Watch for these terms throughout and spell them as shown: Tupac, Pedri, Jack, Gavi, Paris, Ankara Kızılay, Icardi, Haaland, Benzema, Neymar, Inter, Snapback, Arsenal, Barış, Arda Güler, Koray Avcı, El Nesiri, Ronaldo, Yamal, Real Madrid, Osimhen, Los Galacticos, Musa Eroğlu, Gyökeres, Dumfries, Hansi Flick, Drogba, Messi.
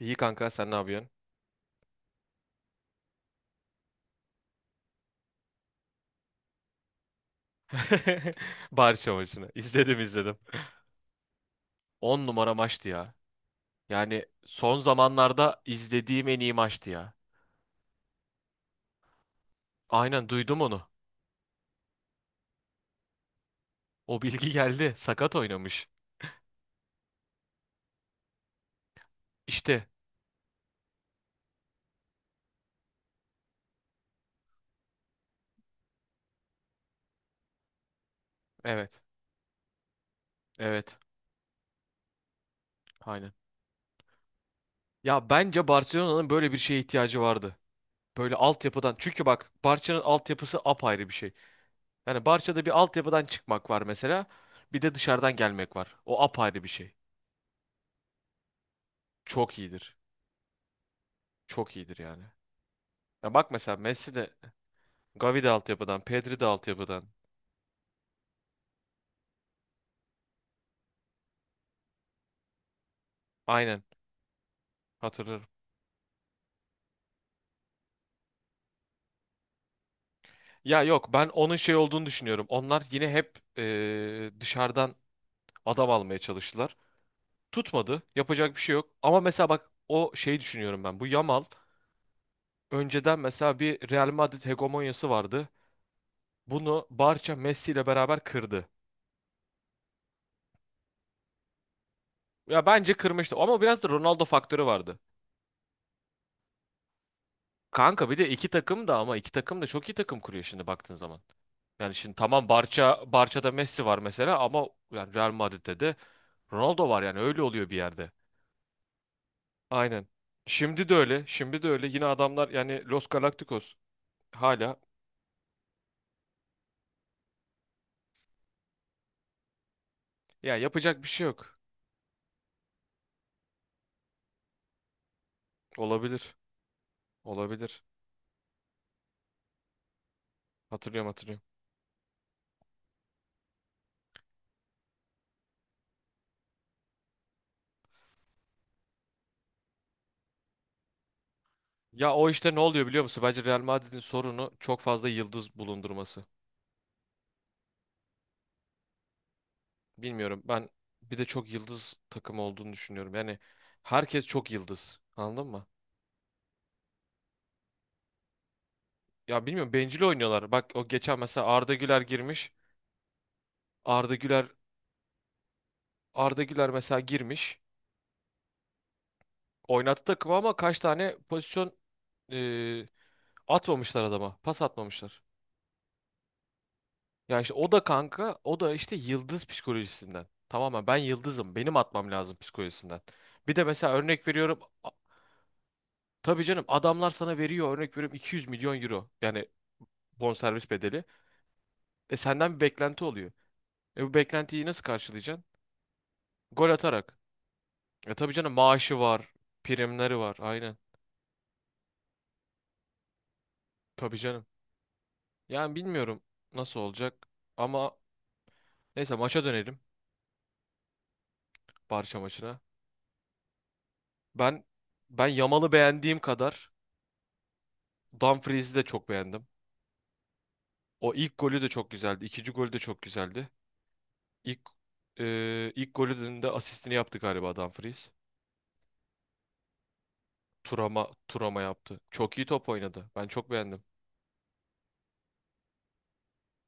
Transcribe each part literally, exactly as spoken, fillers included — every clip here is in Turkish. İyi kanka, sen ne yapıyorsun? Barış maçını. İzledim, izledim. On numara maçtı ya. Yani son zamanlarda izlediğim en iyi maçtı ya. Aynen, duydum onu. O bilgi geldi. Sakat oynamış. İşte. Evet. Evet. Aynen. Ya bence Barcelona'nın böyle bir şeye ihtiyacı vardı. Böyle altyapıdan. Çünkü bak, Barça'nın altyapısı apayrı bir şey. Yani Barça'da bir altyapıdan çıkmak var mesela. Bir de dışarıdan gelmek var. O apayrı bir şey. Çok iyidir. Çok iyidir yani. Ya bak mesela, Messi de Gavi de altyapıdan, Pedri de altyapıdan. Aynen, hatırlarım. Ya yok, ben onun şey olduğunu düşünüyorum. Onlar yine hep eee, dışarıdan adam almaya çalıştılar. Tutmadı. Yapacak bir şey yok. Ama mesela bak, o şeyi düşünüyorum ben. Bu Yamal, önceden mesela bir Real Madrid hegemonyası vardı. Bunu Barça Messi ile beraber kırdı. Ya bence kırmıştı ama biraz da Ronaldo faktörü vardı. Kanka bir de iki takım da, ama iki takım da çok iyi takım kuruyor şimdi baktığın zaman. Yani şimdi tamam, Barça Barça'da Messi var mesela ama yani Real Madrid'de de Ronaldo var, yani öyle oluyor bir yerde. Aynen. Şimdi de öyle. Şimdi de öyle. Yine adamlar yani, Los Galacticos hala. Ya yapacak bir şey yok. Olabilir. Olabilir. Hatırlıyorum, hatırlıyorum. Ya o işte ne oluyor biliyor musun? Bence Real Madrid'in sorunu çok fazla yıldız bulundurması. Bilmiyorum. Ben bir de çok yıldız takım olduğunu düşünüyorum. Yani herkes çok yıldız. Anladın mı? Ya bilmiyorum, bencil oynuyorlar. Bak o geçen mesela Arda Güler girmiş. Arda Güler Arda Güler mesela girmiş. Oynattı takımı, ama kaç tane pozisyon e, atmamışlar adama. Pas atmamışlar. Ya işte o da kanka, o da işte yıldız psikolojisinden. Tamamen ben yıldızım, benim atmam lazım psikolojisinden. Bir de mesela örnek veriyorum. a- Tabii canım, adamlar sana veriyor, örnek veriyorum, iki yüz milyon euro. Yani bonservis bedeli. E senden bir beklenti oluyor. E bu beklentiyi nasıl karşılayacaksın? Gol atarak. E tabii canım, maaşı var, primleri var. Aynen. Tabii canım. Yani bilmiyorum nasıl olacak, ama neyse, maça dönelim. Barça maçına. Ben ben Yamal'ı beğendiğim kadar Dumfries'i de çok beğendim. O ilk golü de çok güzeldi. İkinci golü de çok güzeldi. İlk e, ilk golünün de asistini yaptı galiba Dumfries. Turama Turama yaptı. Çok iyi top oynadı. Ben çok beğendim.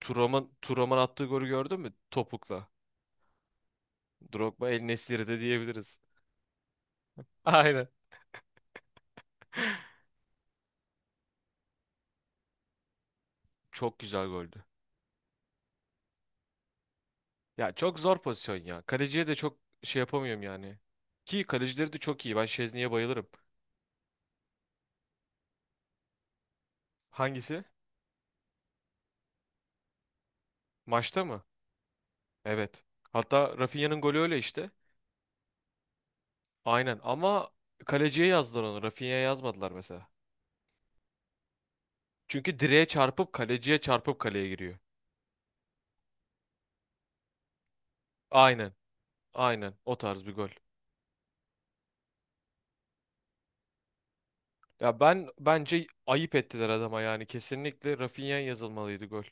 Turam'ın Turam'ın attığı golü gördün mü? Topukla. Drogba El Nesiri de diyebiliriz. Aynen. Çok güzel goldü. Ya çok zor pozisyon ya. Kaleciye de çok şey yapamıyorum yani. Ki kalecileri de çok iyi. Ben Şezni'ye bayılırım. Hangisi? Maçta mı? Evet. Hatta Rafinha'nın golü öyle işte. Aynen, ama kaleciye yazdılar onu. Rafinha'ya yazmadılar mesela. Çünkü direğe çarpıp kaleciye çarpıp kaleye giriyor. Aynen. Aynen. O tarz bir gol. Ya ben bence ayıp ettiler adama yani. Kesinlikle Rafinha'ya yazılmalıydı gol.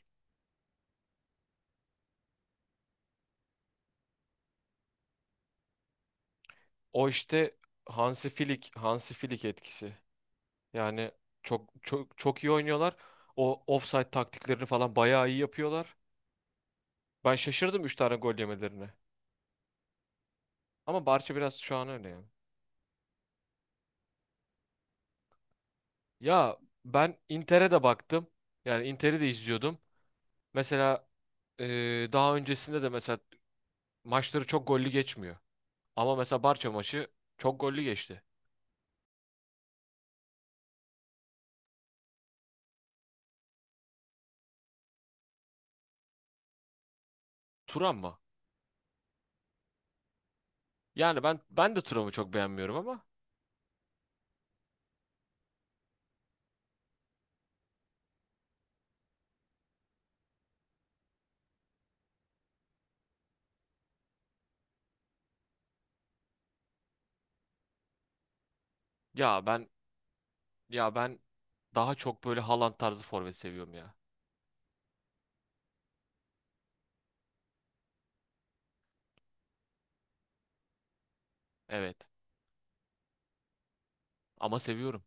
O işte Hansi Flick, Hansi Flick etkisi. Yani çok çok çok iyi oynuyorlar. O offside taktiklerini falan bayağı iyi yapıyorlar. Ben şaşırdım üç tane gol yemelerine. Ama Barça biraz şu an öyle yani. Ya ben Inter'e de baktım. Yani Inter'i de izliyordum. Mesela eee, daha öncesinde de mesela maçları çok gollü geçmiyor. Ama mesela Barça maçı çok gollü geçti. Turan mı? Yani ben ben de Turan'ı çok beğenmiyorum ama ya ben. Ya ben daha çok böyle Haaland tarzı forvet seviyorum ya. Evet. Ama seviyorum.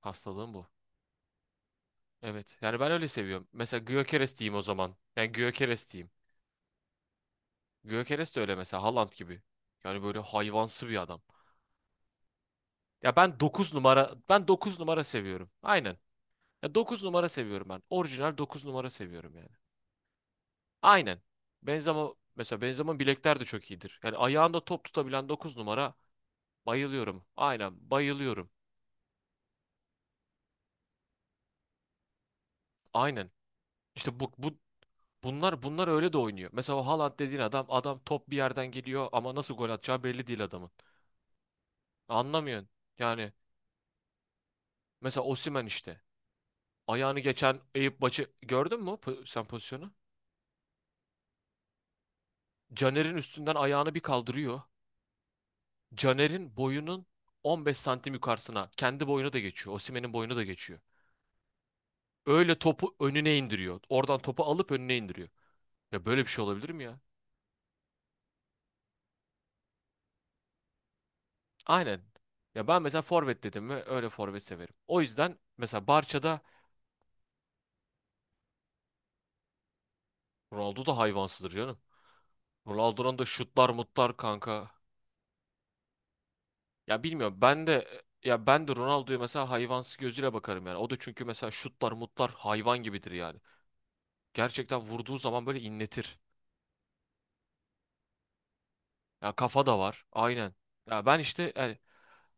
Hastalığım bu. Evet. Yani ben öyle seviyorum. Mesela Gyökeres diyeyim o zaman. Yani Gyökeres diyeyim. Gyökeres de öyle mesela, Haaland gibi. Yani böyle hayvansı bir adam. Ya ben dokuz numara, ben dokuz numara seviyorum. Aynen. Ya dokuz numara seviyorum ben. Orijinal dokuz numara seviyorum yani. Aynen. Benzema mesela, Benzema'nın bilekler de çok iyidir. Yani ayağında top tutabilen dokuz numara bayılıyorum. Aynen bayılıyorum. Aynen. İşte bu, bu Bunlar bunlar öyle de oynuyor. Mesela o Haaland dediğin adam adam top bir yerden geliyor ama nasıl gol atacağı belli değil adamın. Anlamıyorsun. Yani mesela Osimhen işte. Ayağını geçen Eyüp maçı gördün mü po- sen pozisyonu? Caner'in üstünden ayağını bir kaldırıyor. Caner'in boyunun on beş santim yukarısına kendi boyunu da geçiyor. Osimhen'in boyunu da geçiyor. Öyle topu önüne indiriyor. Oradan topu alıp önüne indiriyor. Ya böyle bir şey olabilir mi ya? Aynen. Ya ben mesela forvet dedim mi öyle forvet severim. O yüzden mesela Barça'da. Ronaldo da hayvansıdır canım. Ronaldo'nun da şutlar mutlar kanka. Ya bilmiyorum ben de ya ben de Ronaldo'ya mesela hayvansı gözüyle bakarım yani. O da çünkü mesela şutlar mutlar hayvan gibidir yani. Gerçekten vurduğu zaman böyle inletir. Ya kafa da var. Aynen. Ya ben işte yani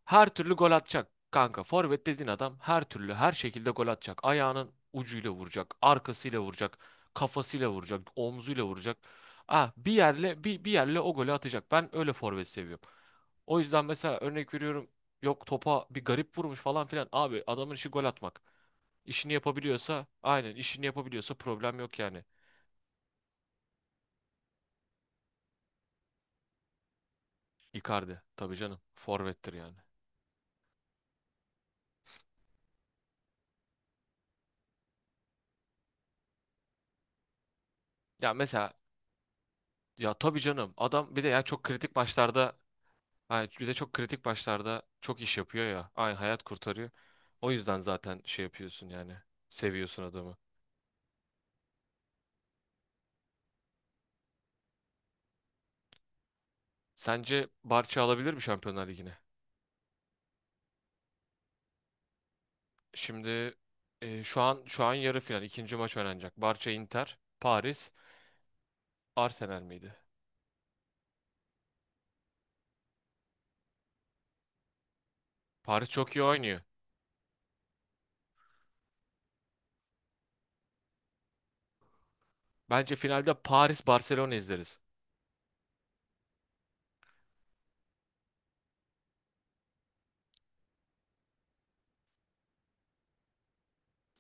her türlü gol atacak. Kanka forvet dediğin adam her türlü, her şekilde gol atacak. Ayağının ucuyla vuracak, arkasıyla vuracak, kafasıyla vuracak, omzuyla vuracak. Ah bir yerle bir, bir yerle o golü atacak. Ben öyle forvet seviyorum. O yüzden mesela örnek veriyorum, yok topa bir garip vurmuş falan filan. Abi adamın işi gol atmak. İşini yapabiliyorsa, aynen, işini yapabiliyorsa problem yok yani. Icardi tabii canım forvettir yani. Ya mesela Ya tabii canım. Adam bir de ya çok kritik maçlarda hani, bir de çok kritik maçlarda çok iş yapıyor ya. Aynı hayat kurtarıyor. O yüzden zaten şey yapıyorsun yani. Seviyorsun adamı. Sence Barça alabilir mi Şampiyonlar Ligi'ne? Şimdi e, şu an şu an yarı final ikinci maç oynanacak. Barça Inter, Paris, Arsenal miydi? Paris çok iyi oynuyor. Bence finalde Paris Barcelona izleriz.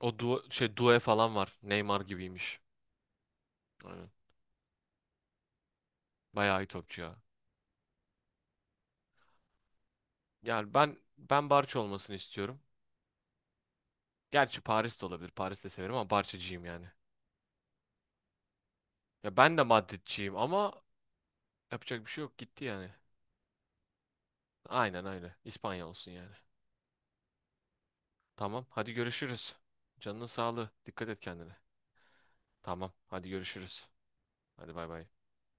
O du şey due falan var. Neymar gibiymiş. Aynen. Bayağı iyi topçu ya. Yani ben ben Barça olmasını istiyorum. Gerçi Paris de olabilir. Paris de severim ama Barçacıyım yani. Ya ben de Madridciyim ama yapacak bir şey yok. Gitti yani. Aynen öyle. İspanya olsun yani. Tamam. Hadi görüşürüz. Canının sağlığı. Dikkat et kendine. Tamam. Hadi görüşürüz. Hadi bay bay.